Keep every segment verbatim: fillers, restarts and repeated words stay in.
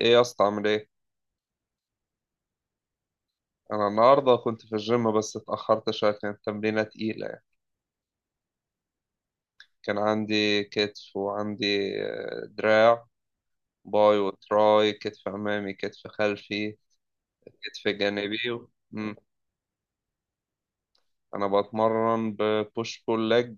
ايه يا اسطى، عامل ايه؟ انا النهارده كنت في الجيم بس اتاخرت شويه. كانت تمرينه تقيله يعني. كان عندي كتف، وعندي آه، دراع، باي وتراي، كتف امامي، كتف خلفي، كتف جانبي و... مم. انا بتمرن ببوش بول ليج،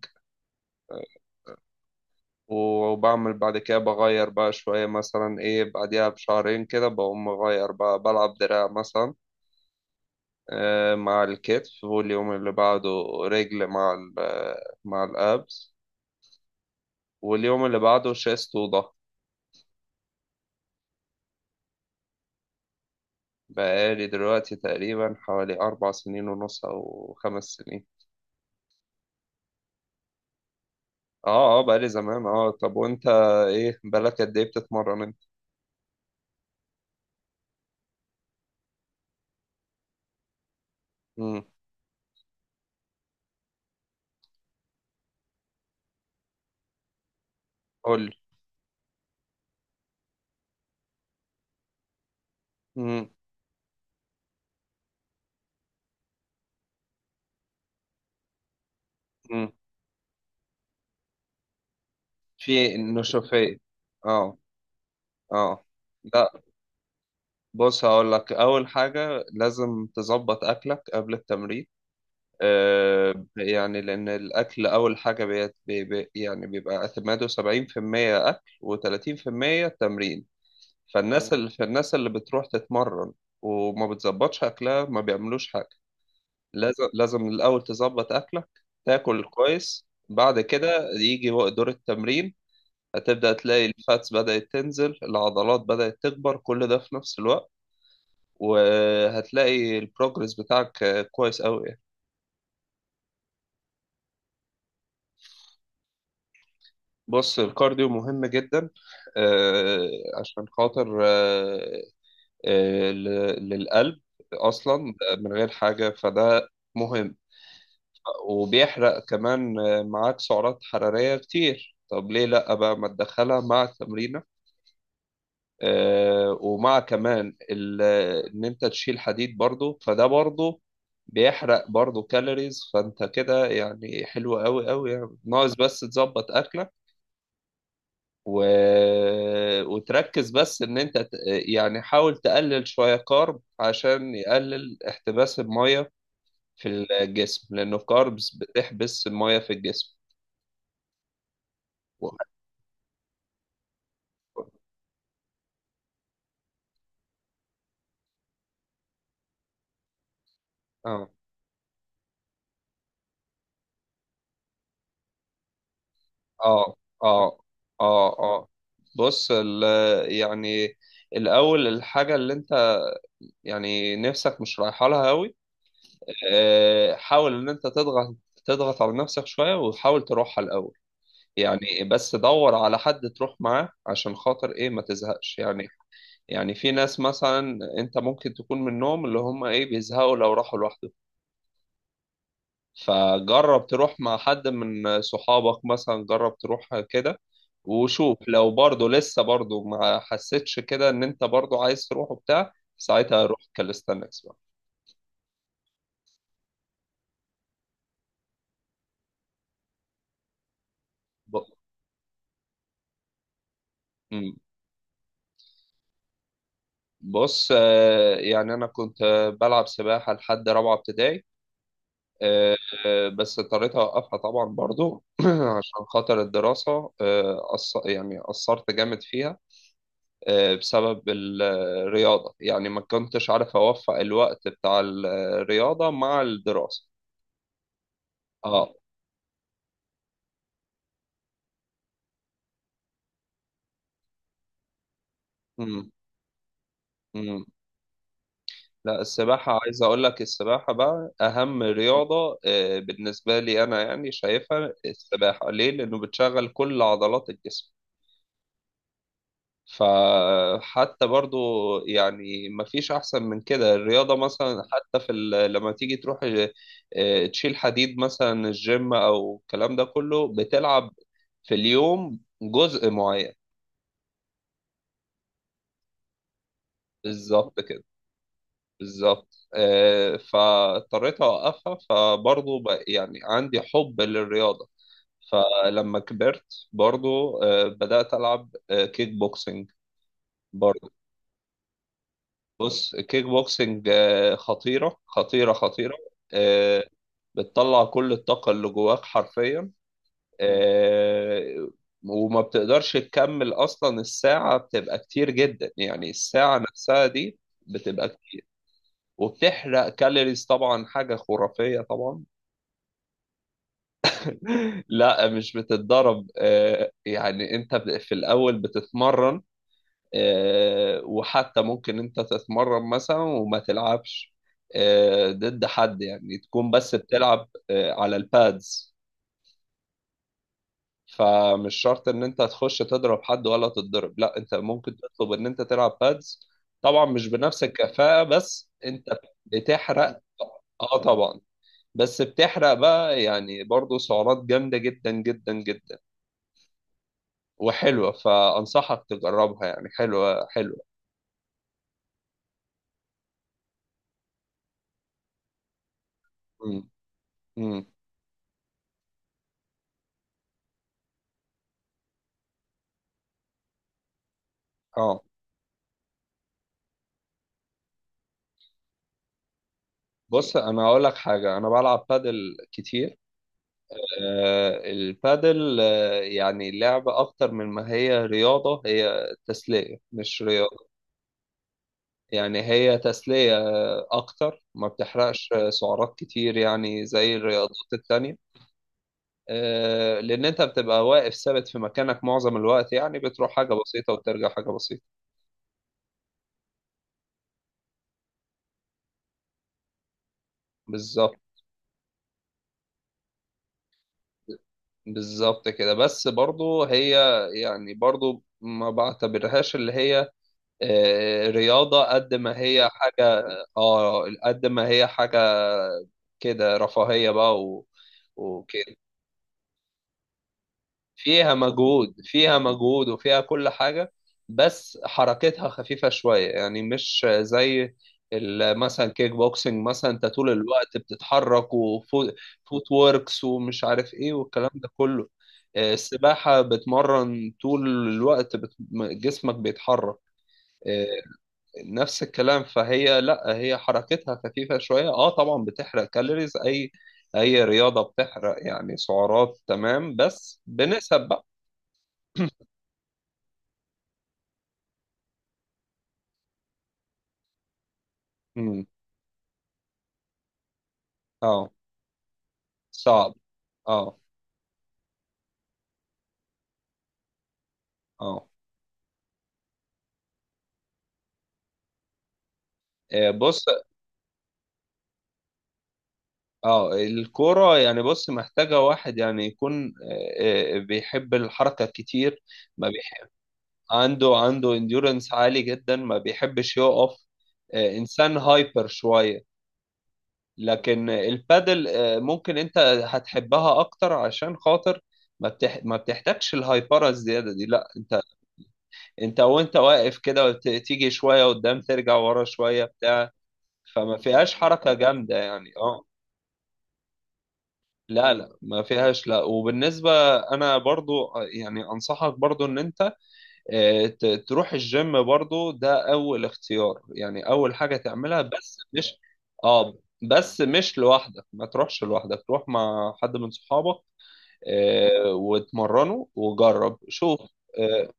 وبعمل بعد كده بغير بقى شويه مثلا، ايه، بعديها بشهرين كده بقوم مغير بقى، بلعب دراع مثلا آه، مع الكتف. واليوم اللي بعده رجل مع ال- آه، مع الابس. واليوم اللي بعده شيست وضهر. بقالي دلوقتي تقريبا حوالي أربع سنين ونص أو خمس سنين. اه، اه، بقالي زمان. اه، طب وانت، ايه بقالك قد ايه بتتمرن انت؟ امم. قولي. امم. امم. في النشوفية. اه، اه. لا. بص، هقول لك أول حاجة. لازم تظبط أكلك قبل التمرين، آه يعني، لأن الأكل أول حاجة. بي بي بي- يعني بيبقى اعتماده سبعين في المية أكل، وتلاتين في المية تمرين. فالناس مم. اللي فالناس اللي بتروح تتمرن وما بتظبطش اكلها ما بيعملوش حاجه. لازم، لازم الاول تظبط اكلك. تاكل كويس، بعد كده يجي وق- دور التمرين. هتبدا تلاقي الفاتس بدات تنزل، العضلات بدات تكبر، كل ده في نفس الوقت. وهتلاقي البروجرس بتاعك آه، كويس قوي يعني. بص، الكارديو مهم جدا، آه، عشان خاطر آه، آه، ل- للقلب. اصلا من غير حاجه فده مهم. وبيحرق كمان آه، معاك سعرات حرارية كتير. طب ليه لأ بقى ما تدخلها مع التمرينة؟ آه، ومع كمان ال- إن أنت تشيل حديد برضو، فده برضو بيحرق برضو كالوريز، فأنت كده يعني حلو أوي أوي، يعني ناقص بس تظبط أكلك و... وتركز، بس إن أنت ت- يعني حاول تقلل شوية كارب عشان يقلل احتباس المية في الجسم، لأنه الكاربس بتحبس المية في الجسم. اه، اه، اه، اه. اه. بص، ال يعني، الاول الحاجه اللي انت يعني نفسك مش رايحه لها قوي، آه، حاول ان انت تضغط تضغط على نفسك شويه، وحاول تروحها الاول. يعني بس دور على حد تروح معاه عشان خاطر ايه ما تزهقش يعني. يعني في ناس مثلا انت ممكن تكون منهم، اللي هم ايه بيزهقوا لو راحوا لوحدهم. فجرب تروح مع حد من صحابك مثلا، جرب تروح كده وشوف. لو برضه لسه برضه ما حسيتش كده ان انت برضه عايز تروح وبتاع، ساعتها روح كاليستانكس بقى. ب- مم. بص، آه، يعني انا كنت آه، بلعب سباحة لحد رابعة ابتدائي. آه، آه، بس اضطريت اوقفها طبعا برضه عشان خاطر الدراسة، آه، أص- يعني قصرت جامد فيها آه، بسبب الرياضة. يعني ما كنتش عارف أوفق الوقت بتاع الرياضة مع الدراسة. اه. مم. مم. لا، السباحة عايز أقول لك، السباحة بقى أهم رياضة آه، بالنسبة لي أنا، يعني شايفها. السباحة ليه؟ لأنه بتشغل كل عضلات الجسم. فحتى برضو يعني مفيش أحسن من كده الرياضة مثلا. حتى في ال- لما تيجي تروح آه، تشيل حديد مثلا، الجيم أو الكلام ده كله، بتلعب في اليوم جزء معين. بالظبط كده، بالظبط. آه، فاضطريت أوقفها، فبرضو بق- يعني عندي حب للرياضة. فلما كبرت برضو آه، بدأت ألعب آه، كيك بوكسينج برضو. بص، الكيك بوكسنج آه، خطيرة خطيرة خطيرة. آه، بتطلع كل الطاقة اللي جواك حرفيا. آه، وما بتقدرش تكمل أصلا، الساعة بتبقى كتير جدا، يعني الساعة نفسها دي بتبقى كتير. وبتحرق كالوريز طبعا، حاجة خرافية طبعا. لا، مش بتتضرب. آه، يعني انت في الأول بتتمرن، آه، وحتى ممكن انت تتمرن مثلا وما تلعبش آه، ضد حد، يعني تكون بس بتلعب آه، على البادز. فمش شرط ان انت تخش تضرب حد ولا تتضرب، لا، انت ممكن تطلب ان انت تلعب بادز. طبعا مش بنفس الكفاءة، بس انت بتحرق. اه طبعا. بس بتحرق بقى يعني برضو سعرات جامدة جدا جدا جدا، وحلوة، فأنصحك تجربها، يعني حلوة حلوة. امم. امم. اه. بص، انا هقول لك حاجه، انا بلعب بادل كتير. آه، البادل آه، يعني لعبه اكتر من ما هي رياضه. هي تسليه مش رياضه. يعني هي تسليه آه، اكتر، ما بتحرقش آه، سعرات كتير يعني زي الرياضات التانية، آه، لان انت بتبقى واقف ثابت في مكانك معظم الوقت. يعني بتروح حاجه بسيطه وترجع حاجه بسيطه. بالظبط، بالظبط كده. بس برضو هي يعني برضو ما بعتبرهاش اللي هي آه، رياضة قد ما هي حاجة. اه، قد ما هي حاجة كده، رفاهية بقى و... وكده. فيها مجهود، فيها مجهود وفيها كل حاجة. بس حركتها خفيفة شوية، يعني مش زي ال- مثلا كيك بوكسنج مثلا، انت طول الوقت بتتحرك وفوت ووركس ومش عارف ايه والكلام ده كله. آه، السباحة بتمرن طول الوقت، بت... جسمك بيتحرك آه، نفس الكلام. فهي لا، هي حركتها خفيفة شوية. اه طبعا بتحرق كالوريز. اي اي رياضة بتحرق يعني سعرات، تمام، بس بنسب بقى. امم. اه. صعب. اه. اه. آه، بص. اه، الكورة يعني، بص محتاجة واحد يعني يكون آه، آه، بيحب الحركة كتير، ما بيحب. عنده عنده انديورنس عالي جدا، ما بيحبش يقف، آه، انسان هايبر شوية. لكن البادل آه، ممكن انت هتحبها اكتر عشان خاطر ما بتح... ما بتحتاجش الهايبره الزياده دي. لا، انت انت وانت واقف كده، وت- تيجي شويه قدام، ترجع ورا شويه بتاع. فما فيهاش حركه جامده يعني، اه. لا، لا، ما فيهاش. لا، وبالنسبه انا برضو آه، يعني انصحك برضو ان انت آه، ت- تروح الجيم برضو، ده اول اختيار، يعني اول حاجه تعملها. بس مش، اه، بس مش لوحدك، ما تروحش لوحدك، تروح مع حد من صحابك آه، واتمرنه وجرب شوف. آه،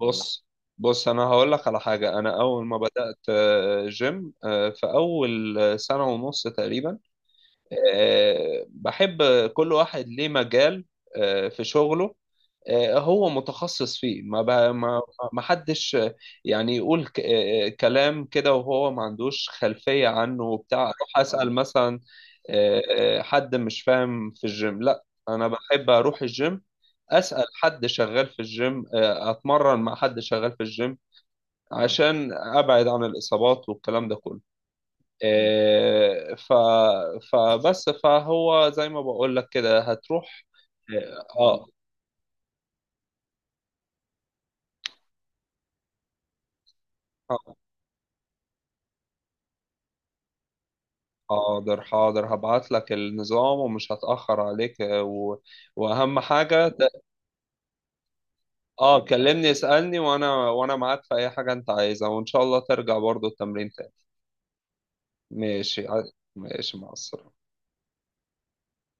بص بص، انا هقول لك على حاجه. انا اول ما بدات آه، جيم، آه، في اول سنه ونص تقريبا آه، بحب، كل واحد ليه مجال آه، في شغله آه، هو متخصص فيه. ما بقى ما ما حدش آه، يعني يقول ك- آه، آه، كلام كده وهو ما عندوش خلفية عنه وبتاع. اروح اسأل مثلا آه، آه، حد مش فاهم في الجيم، لا، انا بحب اروح الجيم اسأل حد شغال في الجيم، آه، اتمرن مع حد شغال في الجيم عشان ابعد عن الاصابات والكلام ده كله. آه، ف فبس فهو زي ما بقول لك كده هتروح. اه. آه. حاضر، حاضر، هبعت لك النظام ومش هتأخر عليك آه، و... وأهم حاجة ت- اه، كلمني، اسألني، وأنا وأنا معاك في أي حاجة أنت عايزها، وإن شاء الله ترجع برضو التمرين تاني. ماشي. ع- ماشي مع السلامة.